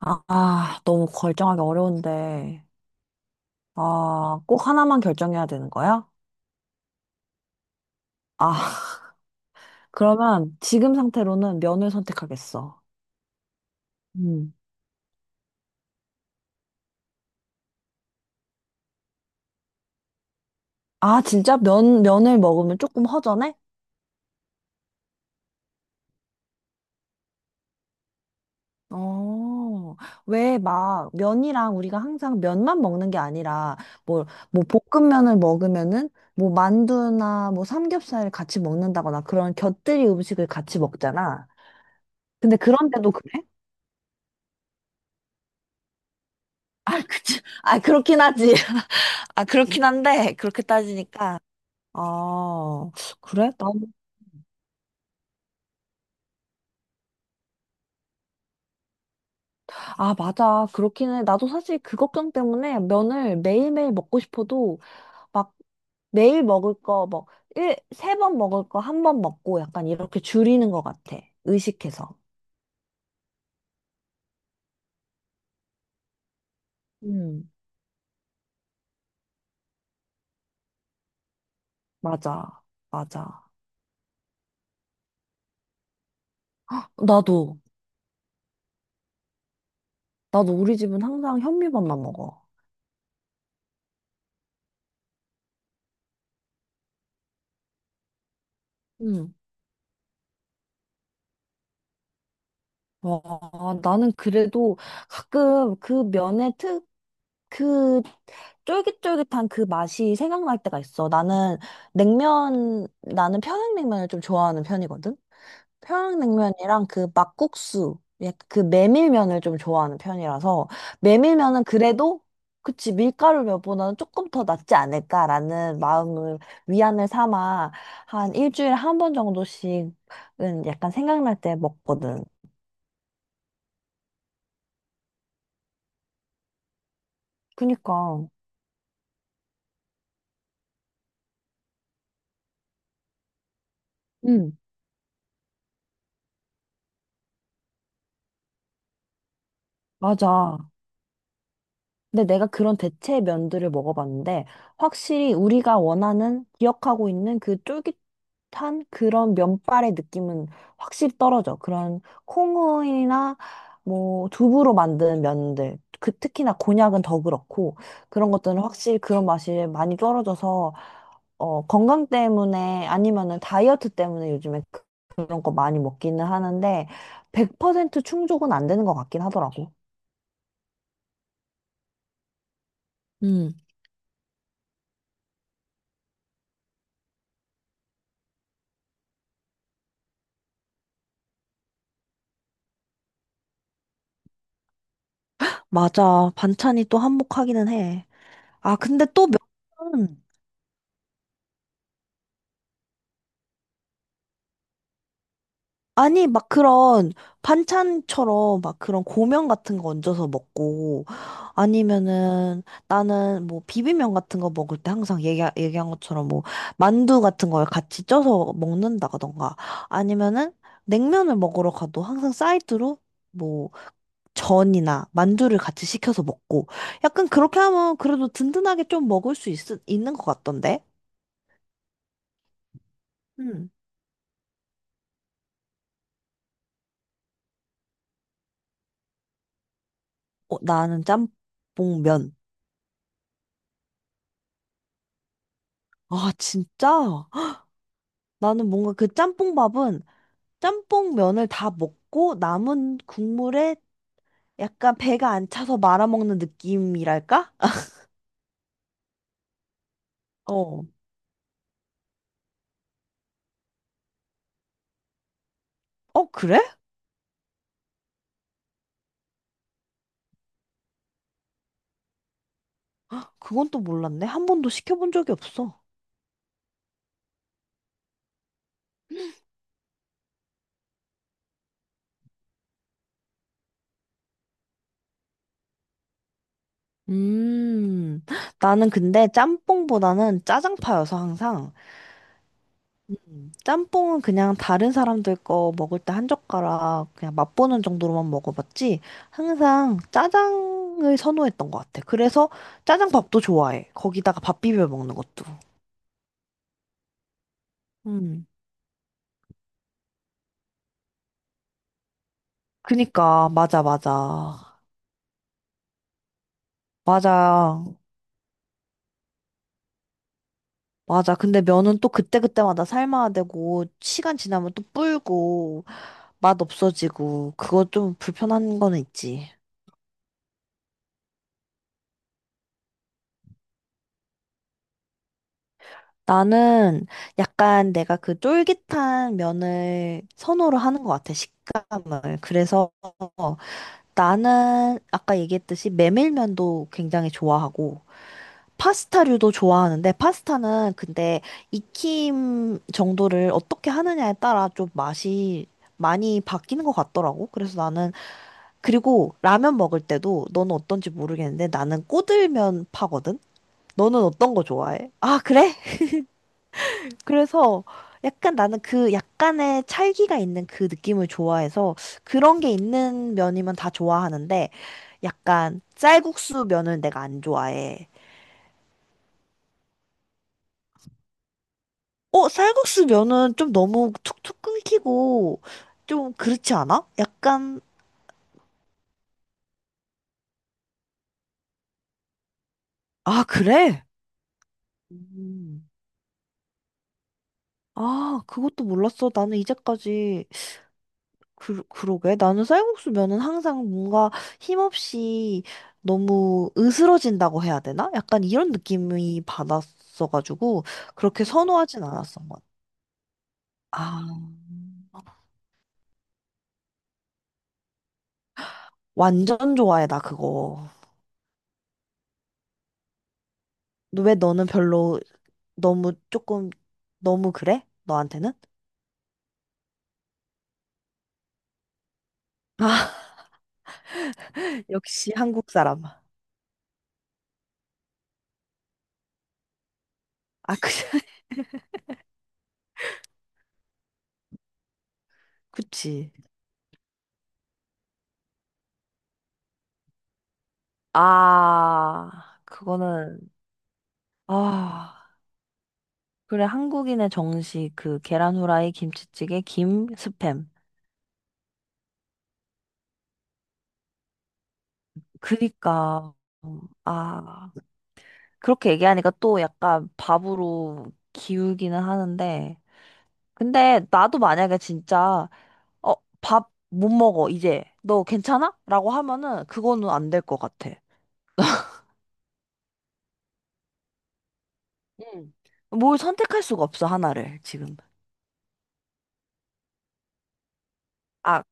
아, 너무 결정하기 어려운데. 아, 꼭 하나만 결정해야 되는 거야? 아, 그러면 지금 상태로는 면을 선택하겠어. 음. 아, 진짜 면을 먹으면 조금 허전해? 어, 왜 막 면이랑 우리가 항상 면만 먹는 게 아니라 뭐, 뭐 볶음면을 먹으면은 뭐 만두나 뭐 삼겹살을 같이 먹는다거나 그런 곁들이 음식을 같이 먹잖아. 근데 그런데도 그래? 아, 그치. 아, 그렇긴 하지. 아, 그렇긴 한데, 그렇게 따지니까. 아, 그래? 난, 아, 맞아. 그렇긴 해. 나도 사실 그 걱정 때문에 면을 매일매일 먹고 싶어도, 막, 매일 먹을 거, 뭐, 3번 먹을 거, 한 번 먹고, 약간 이렇게 줄이는 것 같아. 의식해서. 음, 맞아. 맞아. 나도, 나도 우리 집은 항상 현미밥만 먹어. 와, 나는 그래도 가끔 그 면의 그 쫄깃쫄깃한 그 맛이 생각날 때가 있어. 나는 냉면, 나는 평양냉면을 좀 좋아하는 편이거든? 평양냉면이랑 그 막국수, 약간 그 메밀면을 좀 좋아하는 편이라서, 메밀면은 그래도, 그치, 밀가루 면보다는 조금 더 낫지 않을까라는 마음을 위안을 삼아 한 일주일에 한 번 정도씩은 약간 생각날 때 먹거든. 그니까. 응, 맞아. 근데 내가 그런 대체 면들을 먹어봤는데, 확실히 우리가 원하는, 기억하고 있는 그 쫄깃한 그런 면발의 느낌은 확실히 떨어져. 그런 콩이나 뭐 두부로 만든 면들, 그 특히나 곤약은 더 그렇고, 그런 것들은 확실히 그런 맛이 많이 떨어져서, 어, 건강 때문에 아니면은 다이어트 때문에 요즘에 그런 거 많이 먹기는 하는데, 100% 충족은 안 되는 것 같긴 하더라고. 맞아. 반찬이 또 한몫하기는 해. 아, 근데 또 몇 번은 아니, 막 그런 반찬처럼 막 그런 고명 같은 거 얹어서 먹고 아니면은 나는 뭐 비빔면 같은 거 먹을 때 항상 얘기한 것처럼 뭐 만두 같은 걸 같이 쪄서 먹는다던가 아니면은 냉면을 먹으러 가도 항상 사이드로 뭐 전이나 만두를 같이 시켜서 먹고 약간 그렇게 하면 그래도 든든하게 좀 먹을 수 있는 것 같던데? 음. 어, 나는 짬뽕면. 아, 진짜? 헉, 나는 뭔가 그 짬뽕밥은 짬뽕면을 다 먹고 남은 국물에 약간 배가 안 차서 말아먹는 느낌이랄까? 어. 어, 그래? 헉, 그건 또 몰랐네. 한 번도 시켜본 적이 없어. 음, 나는 근데 짬뽕보다는 짜장파여서 항상. 짬뽕은 그냥 다른 사람들 거 먹을 때 한 젓가락 그냥 맛보는 정도로만 먹어봤지 항상 짜장을 선호했던 것 같아. 그래서 짜장밥도 좋아해. 거기다가 밥 비벼 먹는 것도. 음. 그니까 맞아 맞아 맞아 맞아. 근데 면은 또 그때그때마다 삶아야 되고 시간 지나면 또 불고 맛 없어지고 그거 좀 불편한 거는 있지. 나는 약간 내가 그 쫄깃한 면을 선호로 하는 것 같아, 식감을. 그래서 나는 아까 얘기했듯이 메밀면도 굉장히 좋아하고, 파스타류도 좋아하는데, 파스타는 근데 익힘 정도를 어떻게 하느냐에 따라 좀 맛이 많이 바뀌는 것 같더라고. 그래서 나는, 그리고 라면 먹을 때도 너는 어떤지 모르겠는데, 나는 꼬들면 파거든? 너는 어떤 거 좋아해? 아, 그래? 그래서 약간 나는 그 약간의 찰기가 있는 그 느낌을 좋아해서 그런 게 있는 면이면 다 좋아하는데 약간 쌀국수 면은 내가 안 좋아해. 어, 쌀국수 면은 좀 너무 툭툭 끊기고 좀 그렇지 않아? 약간, 아, 그래? 음. 아, 그것도 몰랐어. 나는 이제까지 그러게. 나는 쌀국수 면은 항상 뭔가 힘없이 너무 으스러진다고 해야 되나? 약간 이런 느낌이 받았어가지고 그렇게 선호하진 않았던 것 같아. 아, 완전 좋아해, 나 그거. 왜 너는 별로 너무 조금 너무 그래? 너한테는? 아, 역시 한국 사람. 아, 그, 그치. 아, 그거는, 아. 그래, 한국인의 정식, 그, 계란 후라이, 김치찌개, 김, 스팸. 그니까, 아, 그렇게 얘기하니까 또 약간 밥으로 기우기는 하는데. 근데 나도 만약에 진짜, 어, 밥 못 먹어, 이제. 너 괜찮아? 라고 하면은 그거는 안 될 것 같아. 응. 뭘 선택할 수가 없어, 하나를, 지금. 아,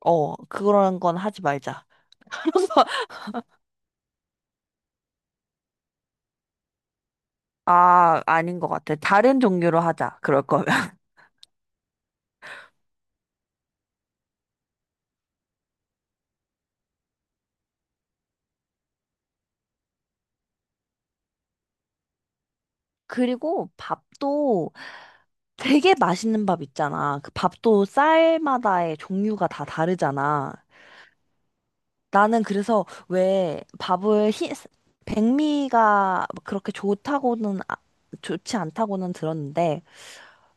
어, 그런 건 하지 말자. 아, 아닌 것 같아. 다른 종류로 하자, 그럴 거면. 그리고 밥도 되게 맛있는 밥 있잖아. 그 밥도 쌀마다의 종류가 다 다르잖아. 나는 그래서 왜 백미가 그렇게 좋다고는 좋지 않다고는 들었는데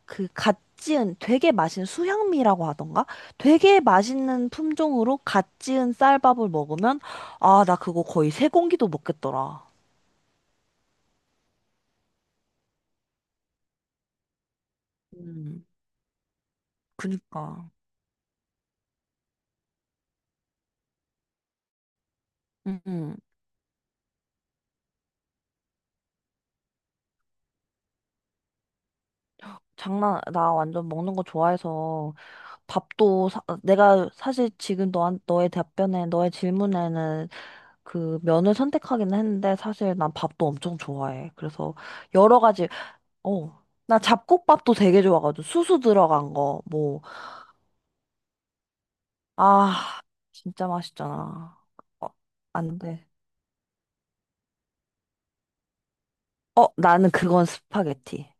그갓 지은 되게 맛있는 수향미라고 하던가? 되게 맛있는 품종으로 갓 지은 쌀밥을 먹으면 아, 나 그거 거의 세 공기도 먹겠더라. 음, 그니까. 음. 장난, 나 완전 먹는 거 좋아해서 내가 사실 지금 너의 답변에, 너의 질문에는 그 면을 선택하긴 했는데 사실 난 밥도 엄청 좋아해. 그래서 여러 가지, 어, 나 잡곡밥도 되게 좋아가지고 수수 들어간 거, 뭐, 아, 진짜 맛있잖아. 어, 안 돼. 어, 나는 그건 스파게티.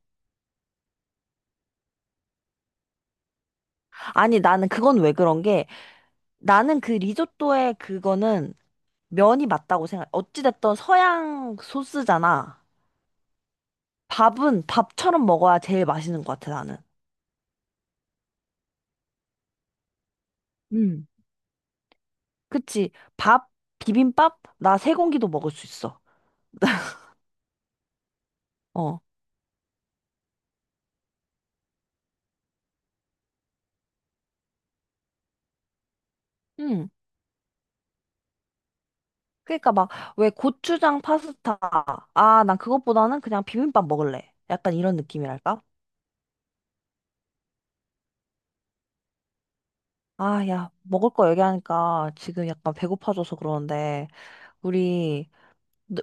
아니, 나는 그건 왜 그런 게 나는 그 리조또에 그거는 면이 맞다고 생각. 어찌됐든 서양 소스잖아. 밥은 밥처럼 먹어야 제일 맛있는 것 같아, 나는. 음. 그치? 밥, 비빔밥, 나 세 공기도 먹을 수 있어. 어. 응. 그러니까 막, 왜 고추장 파스타. 아, 난 그것보다는 그냥 비빔밥 먹을래. 약간 이런 느낌이랄까? 아, 야, 먹을 거 얘기하니까 지금 약간 배고파져서 그러는데, 우리,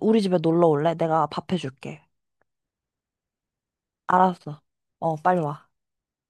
우리 집에 놀러 올래? 내가 밥 해줄게. 알았어. 어, 빨리 와.